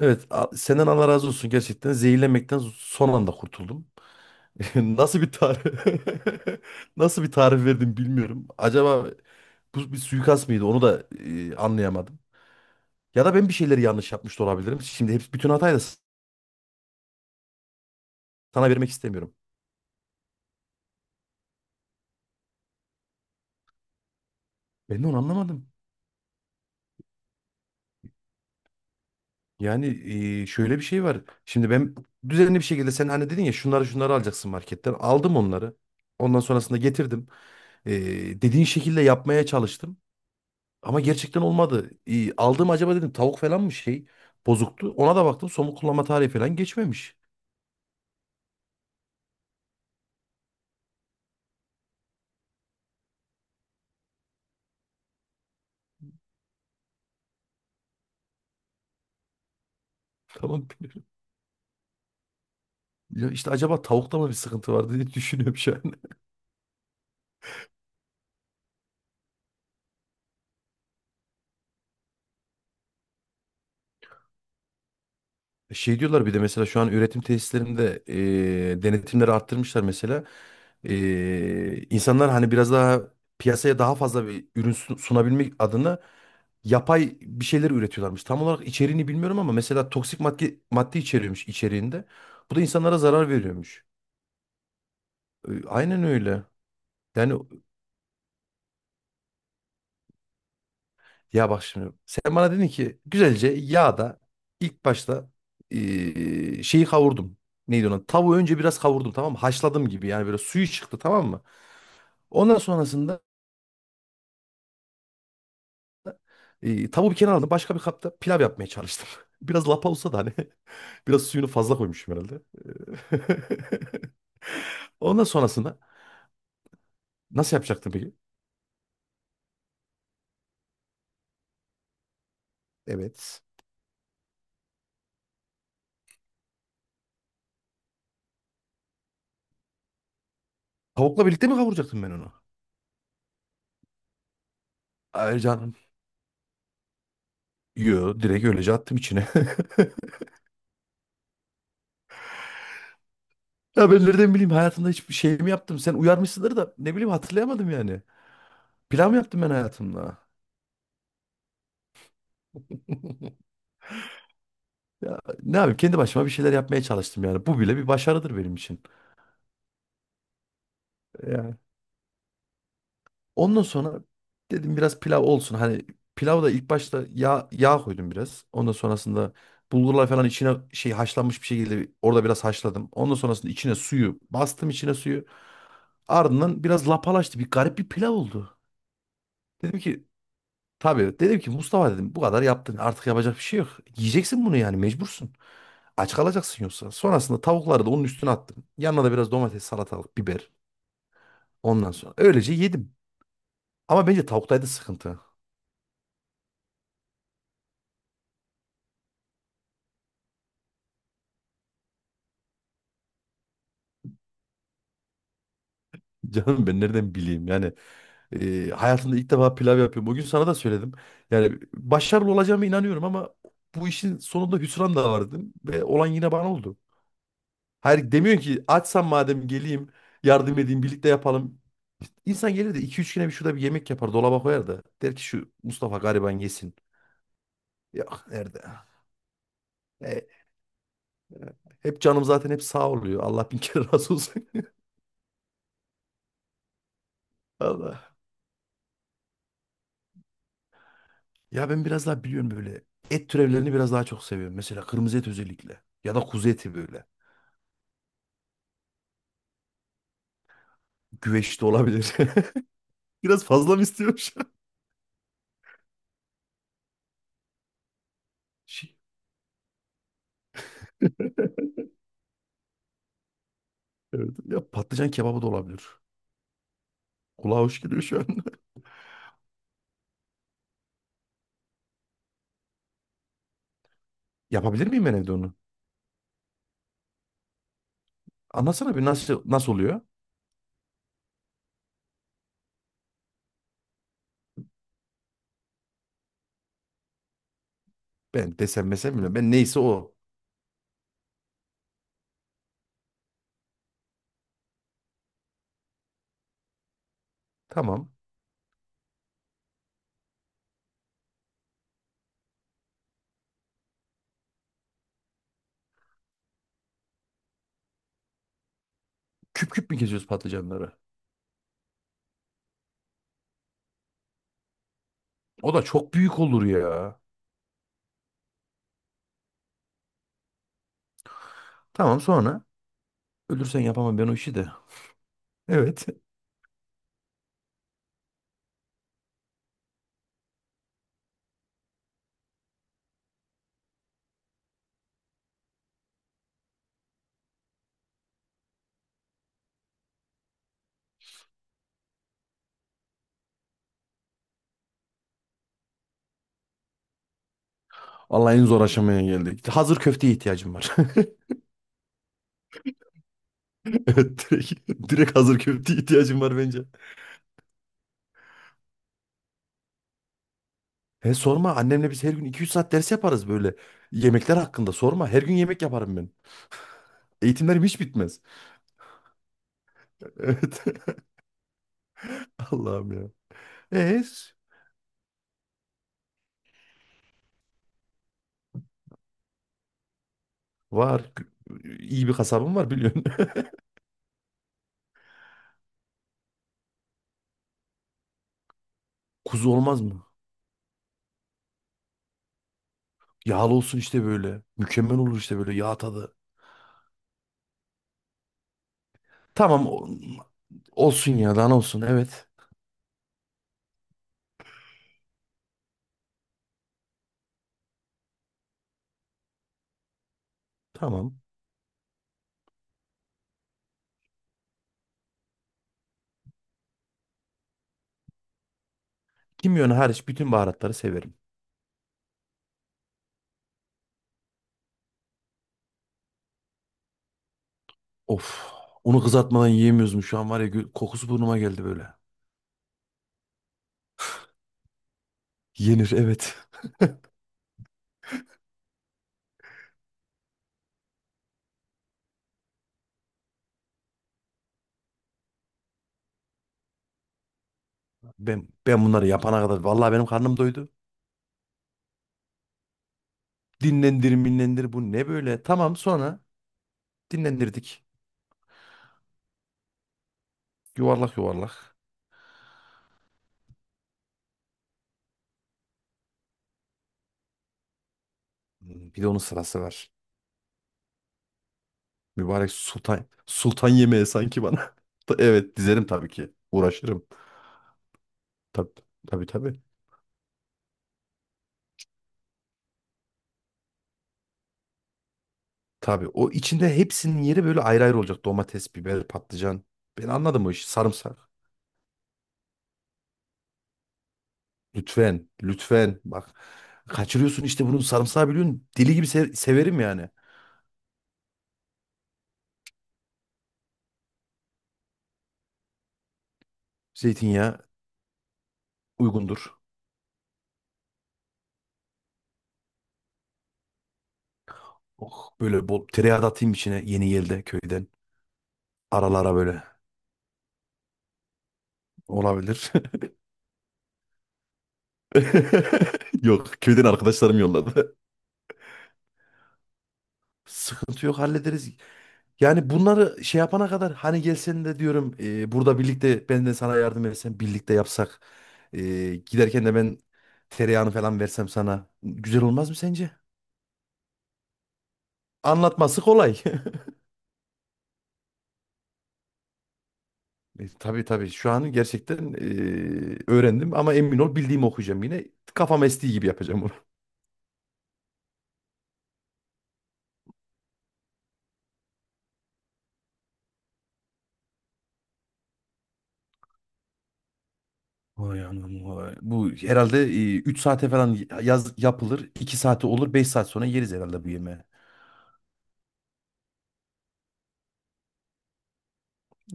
Evet, senden Allah razı olsun gerçekten. Zehirlenmekten son anda kurtuldum. Nasıl bir tarif nasıl bir tarif verdim bilmiyorum. Acaba bu bir suikast mıydı? Onu da anlayamadım. Ya da ben bir şeyleri yanlış yapmış da olabilirim. Şimdi hep bütün hatayı da sana vermek istemiyorum. Ben de onu anlamadım. Yani şöyle bir şey var. Şimdi ben düzenli bir şekilde sen hani dedin ya şunları şunları alacaksın marketten. Aldım onları. Ondan sonrasında getirdim. E, Dediğin şekilde yapmaya çalıştım. Ama gerçekten olmadı. İyi, aldığım acaba dedim tavuk falan mı şey bozuktu. Ona da baktım somut kullanma tarihi falan geçmemiş. Tamam. Ya işte acaba tavukta mı bir sıkıntı var diye düşünüyorum şu an. Şey diyorlar bir de mesela şu an üretim tesislerinde denetimleri arttırmışlar mesela. İnsanlar hani biraz daha piyasaya daha fazla bir ürün sunabilmek adına yapay bir şeyler üretiyorlarmış. Tam olarak içeriğini bilmiyorum ama mesela toksik madde içeriyormuş içeriğinde. Bu da insanlara zarar veriyormuş. Aynen öyle. Yani ya bak şimdi sen bana dedin ki güzelce yağda ilk başta şeyi kavurdum. Neydi ona? Tavuğu önce biraz kavurdum, tamam mı? Haşladım gibi yani, böyle suyu çıktı, tamam mı? Ondan sonrasında tavuğu bir kenara aldım. Başka bir kapta pilav yapmaya çalıştım. Biraz lapa olsa da hani biraz suyunu fazla koymuşum herhalde. Ondan sonrasında nasıl yapacaktım peki? Evet. Tavukla birlikte mi kavuracaktım ben onu? Ay canım. Yo, direkt öylece attım içine. Ya ben nereden bileyim, hayatımda hiçbir şey mi yaptım? Sen uyarmışsındır da ne bileyim hatırlayamadım yani. Plan mı yaptım ben hayatımda? Ya ne yapayım, kendi başıma bir şeyler yapmaya çalıştım yani. Bu bile bir başarıdır benim için. Yani ondan sonra dedim biraz pilav olsun. Hani pilavda da ilk başta yağ koydum biraz. Ondan sonrasında bulgurlar falan içine şey haşlanmış bir şekilde orada biraz haşladım. Ondan sonrasında içine suyu bastım, içine suyu. Ardından biraz lapalaştı. Bir garip bir pilav oldu. Dedim ki, tabii dedim ki Mustafa dedim, bu kadar yaptın artık yapacak bir şey yok. Yiyeceksin bunu yani, mecbursun. Aç kalacaksın yoksa. Sonrasında tavukları da onun üstüne attım. Yanına da biraz domates, salatalık, biber. Ondan sonra öylece yedim. Ama bence tavuktaydı sıkıntı. Canım ben nereden bileyim yani, hayatımda ilk defa pilav yapıyorum. Bugün sana da söyledim. Yani başarılı olacağıma inanıyorum ama bu işin sonunda hüsran da var dedim. Ve olan yine bana oldu. Hayır demiyorsun ki açsam madem geleyim, yardım edeyim, birlikte yapalım. İnsan gelir de 2-3 güne bir şurada bir yemek yapar, dolaba koyar da der ki şu Mustafa gariban yesin. Yok, nerede? E, Hep canım zaten hep sağ oluyor. Allah bin kere razı olsun. Allah. Ya ben biraz daha biliyorum böyle. Et türevlerini biraz daha çok seviyorum. Mesela kırmızı et özellikle. Ya da kuzu eti böyle. Güveç de olabilir. Biraz fazla mı istiyorum şu an? Şey, evet. Ya patlıcan kebabı da olabilir. Kulağa hoş geliyor şu an. Yapabilir miyim ben evde onu? Anlatsana bir, nasıl nasıl oluyor? Ben desem mesem bilmiyorum. Ben neyse o. Tamam. Küp küp mü kesiyoruz patlıcanları? O da çok büyük olur ya. Tamam, sonra. Ölürsen yapamam ben o işi de. Evet. Vallahi en zor aşamaya geldik. Hazır köfteye ihtiyacım var. Evet, direkt, direkt hazır köfteye ihtiyacım var bence. He, sorma, annemle biz her gün 2-3 saat ders yaparız böyle. Yemekler hakkında sorma. Her gün yemek yaparım ben. Eğitimlerim hiç bitmez. Evet. Allah'ım ya. E, var. İyi bir kasabım var biliyorsun. Kuzu olmaz mı? Yağlı olsun işte böyle. Mükemmel olur işte böyle yağ tadı. Tamam, olsun ya, dana olsun, evet. Tamam. Kimyonu hariç bütün baharatları severim. Of. Onu kızartmadan yiyemiyoruz mu şu an, var ya, kokusu burnuma geldi böyle. Yenir, evet. Ben bunları yapana kadar vallahi benim karnım doydu. Dinlendir minlendir bu ne böyle? Tamam, sonra dinlendirdik. Yuvarlak yuvarlak. Hmm, bir de onun sırası var. Mübarek sultan sultan yemeği sanki bana. Evet, dizerim tabii ki. Uğraşırım. Tabii, tabii tabii. Tabii o içinde hepsinin yeri böyle ayrı ayrı olacak. Domates, biber, patlıcan. Ben anladım o işi. Sarımsak. Lütfen, lütfen. Bak, kaçırıyorsun işte bunun sarımsağı biliyorsun. Deli gibi severim yani. Zeytinyağı uygundur. Oh, böyle bol tereyağı da atayım içine yeni yelde köyden. Aralara böyle olabilir. Yok, köyden arkadaşlarım yolladı. Sıkıntı yok, hallederiz. Yani bunları şey yapana kadar hani gelsen de diyorum, burada birlikte ben de sana yardım etsem, birlikte yapsak. Giderken de ben tereyağını falan versem sana. Güzel olmaz mı sence? Anlatması kolay. Tabii tabii, şu an gerçekten öğrendim ama emin ol bildiğimi okuyacağım yine. Kafam estiği gibi yapacağım bunu. Vay anam vay. Bu herhalde 3 saate falan yapılır. 2 saate olur, 5 saat sonra yeriz herhalde bu yemeği.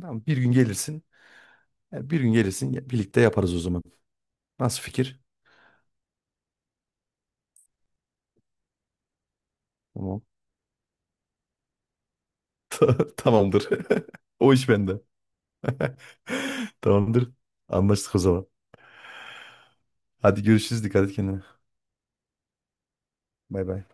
Tamam, bir gün gelirsin. Bir gün gelirsin birlikte yaparız o zaman. Nasıl fikir? Tamam. Tamamdır. O iş bende. Tamamdır. Anlaştık o zaman. Hadi görüşürüz. Dikkat et kendine. Bay bay.